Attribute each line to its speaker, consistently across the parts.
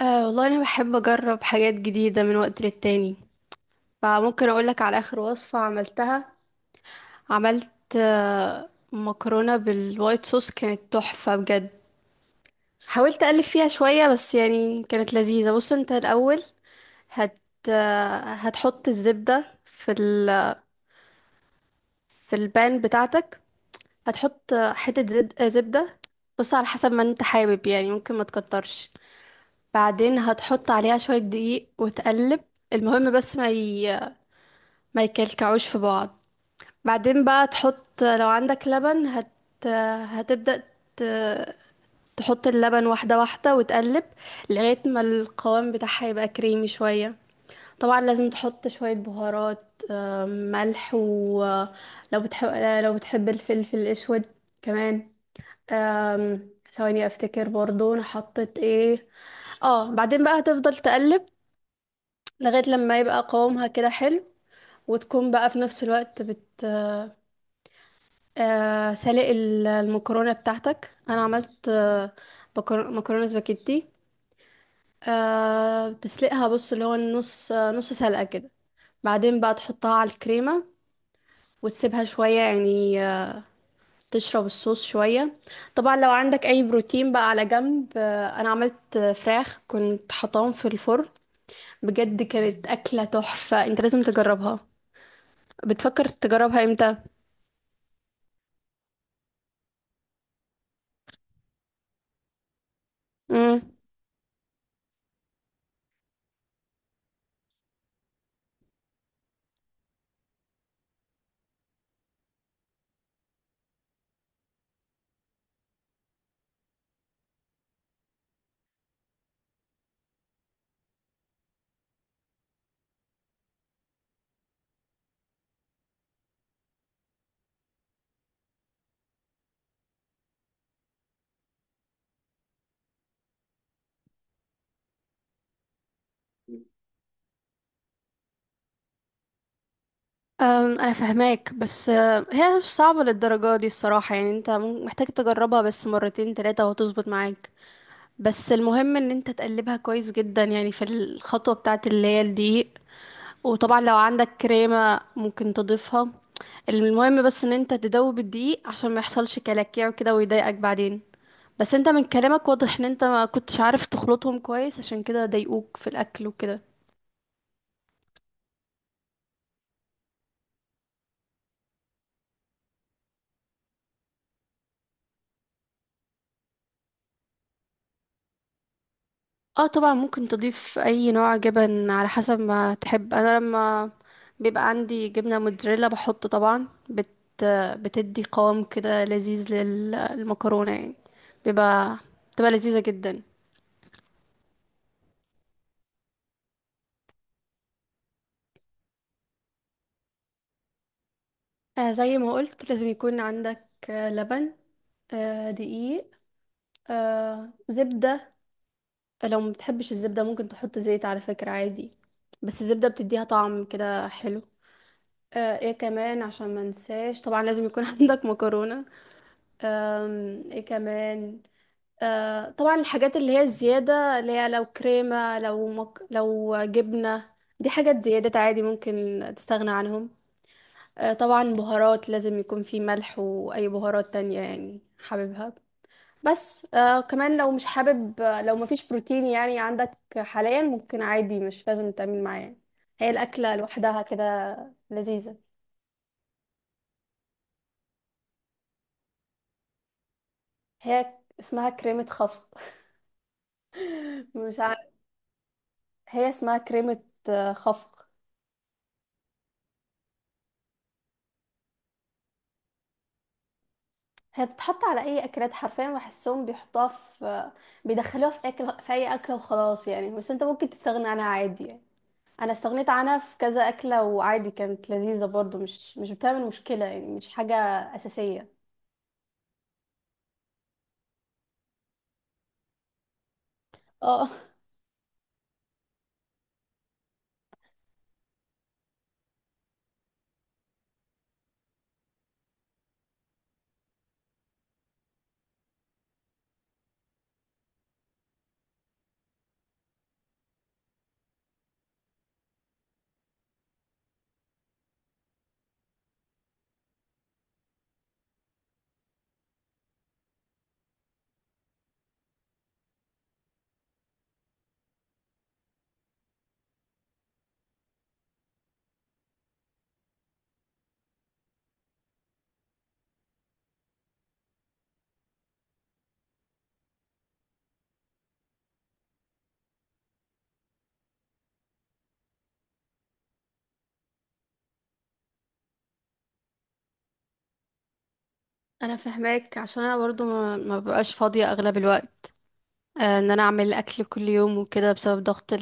Speaker 1: والله انا بحب اجرب حاجات جديده من وقت للتاني. فممكن اقولك على اخر وصفه عملتها. عملت مكرونه بالوايت صوص كانت تحفه بجد. حاولت اقلب فيها شويه بس يعني كانت لذيذه. بص انت الاول هت هتحط الزبده في البان بتاعتك. هتحط آه، حته زب... آه، زبده. بص على حسب ما انت حابب، يعني ممكن ما تكترش. بعدين هتحط عليها شويه دقيق وتقلب. المهم بس ما يكلكعوش في بعض. بعدين بقى تحط لو عندك لبن هتبدأ ت... تحط اللبن واحدة واحدة وتقلب، لغاية ما القوام بتاعها يبقى كريمي شوية. طبعا لازم تحط شوية بهارات، ملح، ولو بتحب، لو بتحب الفلفل الأسود كمان. ثواني افتكر برضو انا حطيت ايه. اه، بعدين بقى هتفضل تقلب لغاية لما يبقى قوامها كده حلو. وتكون بقى في نفس الوقت المكرونة بتاعتك، انا عملت مكرونة سباكيتي. تسلقها، بص، اللي هو النص، نص سلقة كده. بعدين بقى تحطها على الكريمة، وتسيبها شوية، يعني تشرب الصوص شوية. طبعا لو عندك اي بروتين بقى على جنب، انا عملت فراخ كنت حطاهم في الفرن. بجد كانت أكلة تحفة، انت لازم تجربها. بتفكر تجربها امتى؟ مم. انا فهماك، بس هي مش صعبة للدرجة دي الصراحة، يعني انت محتاج تجربها بس مرتين تلاتة وهتظبط معاك. بس المهم ان انت تقلبها كويس جدا يعني في الخطوة بتاعة اللي هي الدقيق. وطبعا لو عندك كريمة ممكن تضيفها. المهم بس ان انت تدوب الدقيق عشان ما يحصلش كلاكيع وكده ويضايقك بعدين. بس انت من كلامك واضح ان انت ما كنتش عارف تخلطهم كويس، عشان كده ضايقوك في الاكل وكده. اه، طبعا ممكن تضيف اي نوع جبن على حسب ما تحب. انا لما بيبقى عندي جبنة موتزاريلا بحط طبعا بتدي قوام كده لذيذ للمكرونة يعني، بيبقى بتبقى لذيذة جدا. زي ما قلت لازم يكون عندك لبن، دقيق، زبدة. لو ما بتحبش الزبدة ممكن تحط زيت على فكرة، عادي. بس الزبدة بتديها طعم كده حلو. ايه كمان عشان ما انساش، طبعا لازم يكون عندك مكرونة. ايه كمان. أه، طبعا الحاجات اللي هي الزيادة، اللي هي لو كريمة، لو جبنة، دي حاجات زيادات عادي ممكن تستغنى عنهم. أه، طبعا بهارات لازم يكون في ملح وأي بهارات تانية يعني حاببها. بس كمان لو مش حابب، لو مفيش بروتين يعني عندك حاليا، ممكن عادي مش لازم تعمل معاه يعني. هي الأكلة لوحدها كده لذيذة. هي اسمها كريمة خفق. مش عارف. هي اسمها كريمة خفق. هي بتتحط على اي اكلات حرفيا، بحسهم بيحطوها في بيدخلوها في اكل في اي اكله وخلاص يعني. بس انت ممكن تستغنى عنها عادي يعني. انا استغنيت عنها في كذا اكله وعادي كانت لذيذه برضو، مش بتعمل مشكله، يعني مش حاجه اساسيه. اه، انا فاهماك عشان انا برضو ما ببقاش فاضيه اغلب الوقت، ان انا اعمل اكل كل يوم وكده، بسبب ضغط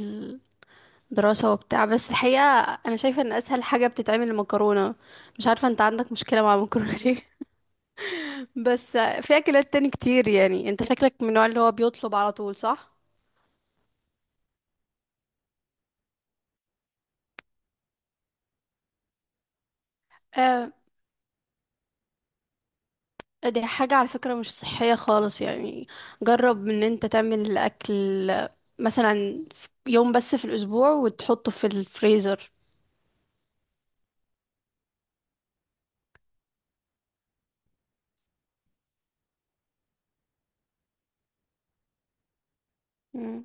Speaker 1: الدراسه وبتاع. بس الحقيقه انا شايفه ان اسهل حاجه بتتعمل المكرونه. مش عارفه انت عندك مشكله مع المكرونه ليه. بس في اكلات تاني كتير، يعني انت شكلك من النوع اللي هو بيطلب على طول، صح؟ آه، دي حاجة على فكرة مش صحية خالص يعني. جرب ان انت تعمل الاكل مثلا في يوم بس في الاسبوع وتحطه في الفريزر. مم.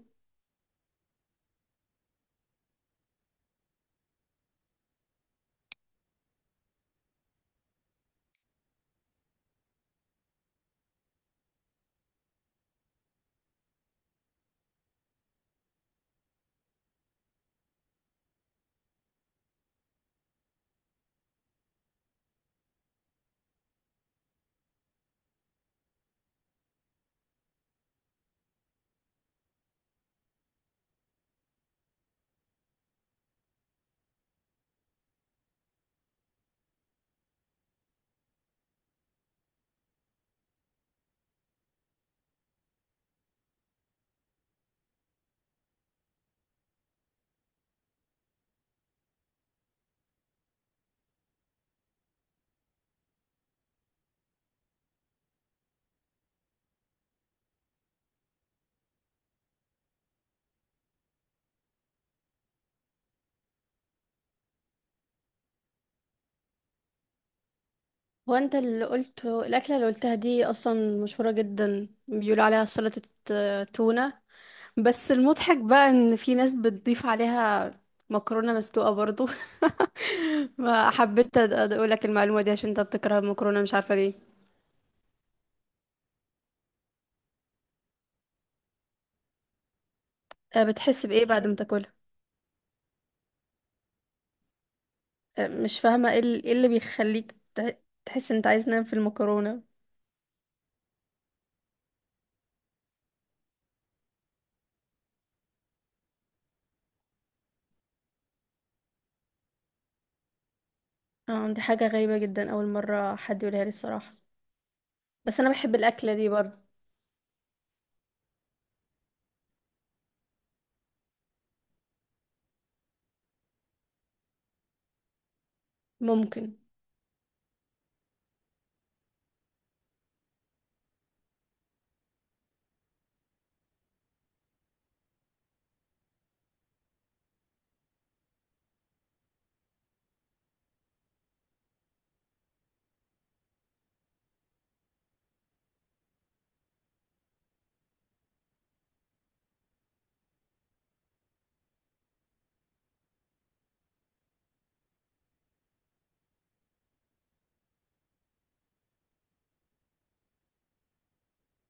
Speaker 1: هو انت اللي قلته الاكلة اللي قلتها دي اصلا مشهورة جدا، بيقولوا عليها سلطة تونة. بس المضحك بقى ان في ناس بتضيف عليها مكرونة مسلوقة برضو. ما حبيت اقول لك المعلومة دي عشان انت بتكره المكرونة، مش عارفة ليه. بتحس بإيه بعد ما تاكلها؟ مش فاهمة ايه إيه اللي بيخليك تحس ان انت عايز تنام في المكرونة. اه، دي حاجة غريبة جدا، اول مرة حد يقولها لي الصراحة. بس انا بحب الأكلة دي برضو. ممكن.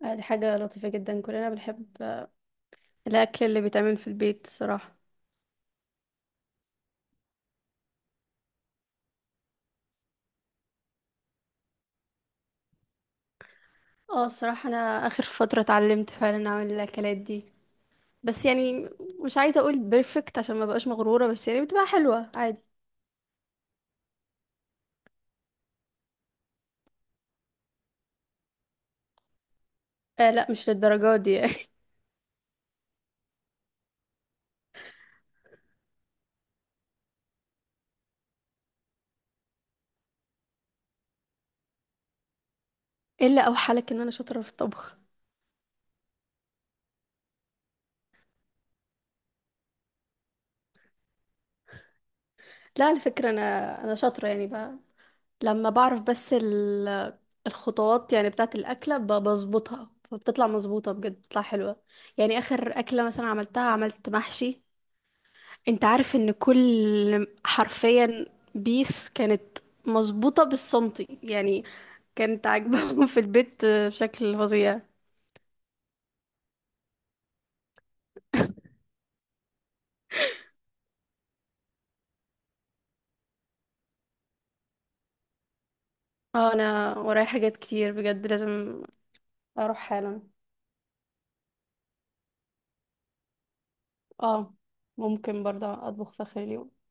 Speaker 1: دي حاجة لطيفة جدا. كلنا بنحب الأكل اللي بيتعمل في البيت الصراحة. اه، الصراحة انا اخر فترة اتعلمت فعلا اعمل الاكلات دي، بس يعني مش عايزة اقول بيرفكت عشان ما بقاش مغرورة، بس يعني بتبقى حلوة عادي. لا، مش للدرجات دي يعني. الا اوحالك ان انا شاطرة في الطبخ؟ لا على فكرة انا، انا شاطرة يعني بقى، لما بعرف بس الخطوات يعني بتاعة الأكلة بظبطها، فبتطلع مظبوطة بجد، بتطلع حلوة يعني. آخر أكلة مثلا عملتها، عملت محشي، انت عارف ان كل حرفيا بيس كانت مظبوطة بالسنتي يعني، كانت عاجباهم في البيت بشكل فظيع. اه، انا ورايا حاجات كتير بجد، لازم اروح حالا. اه، ممكن برضه اطبخ في اخر اليوم.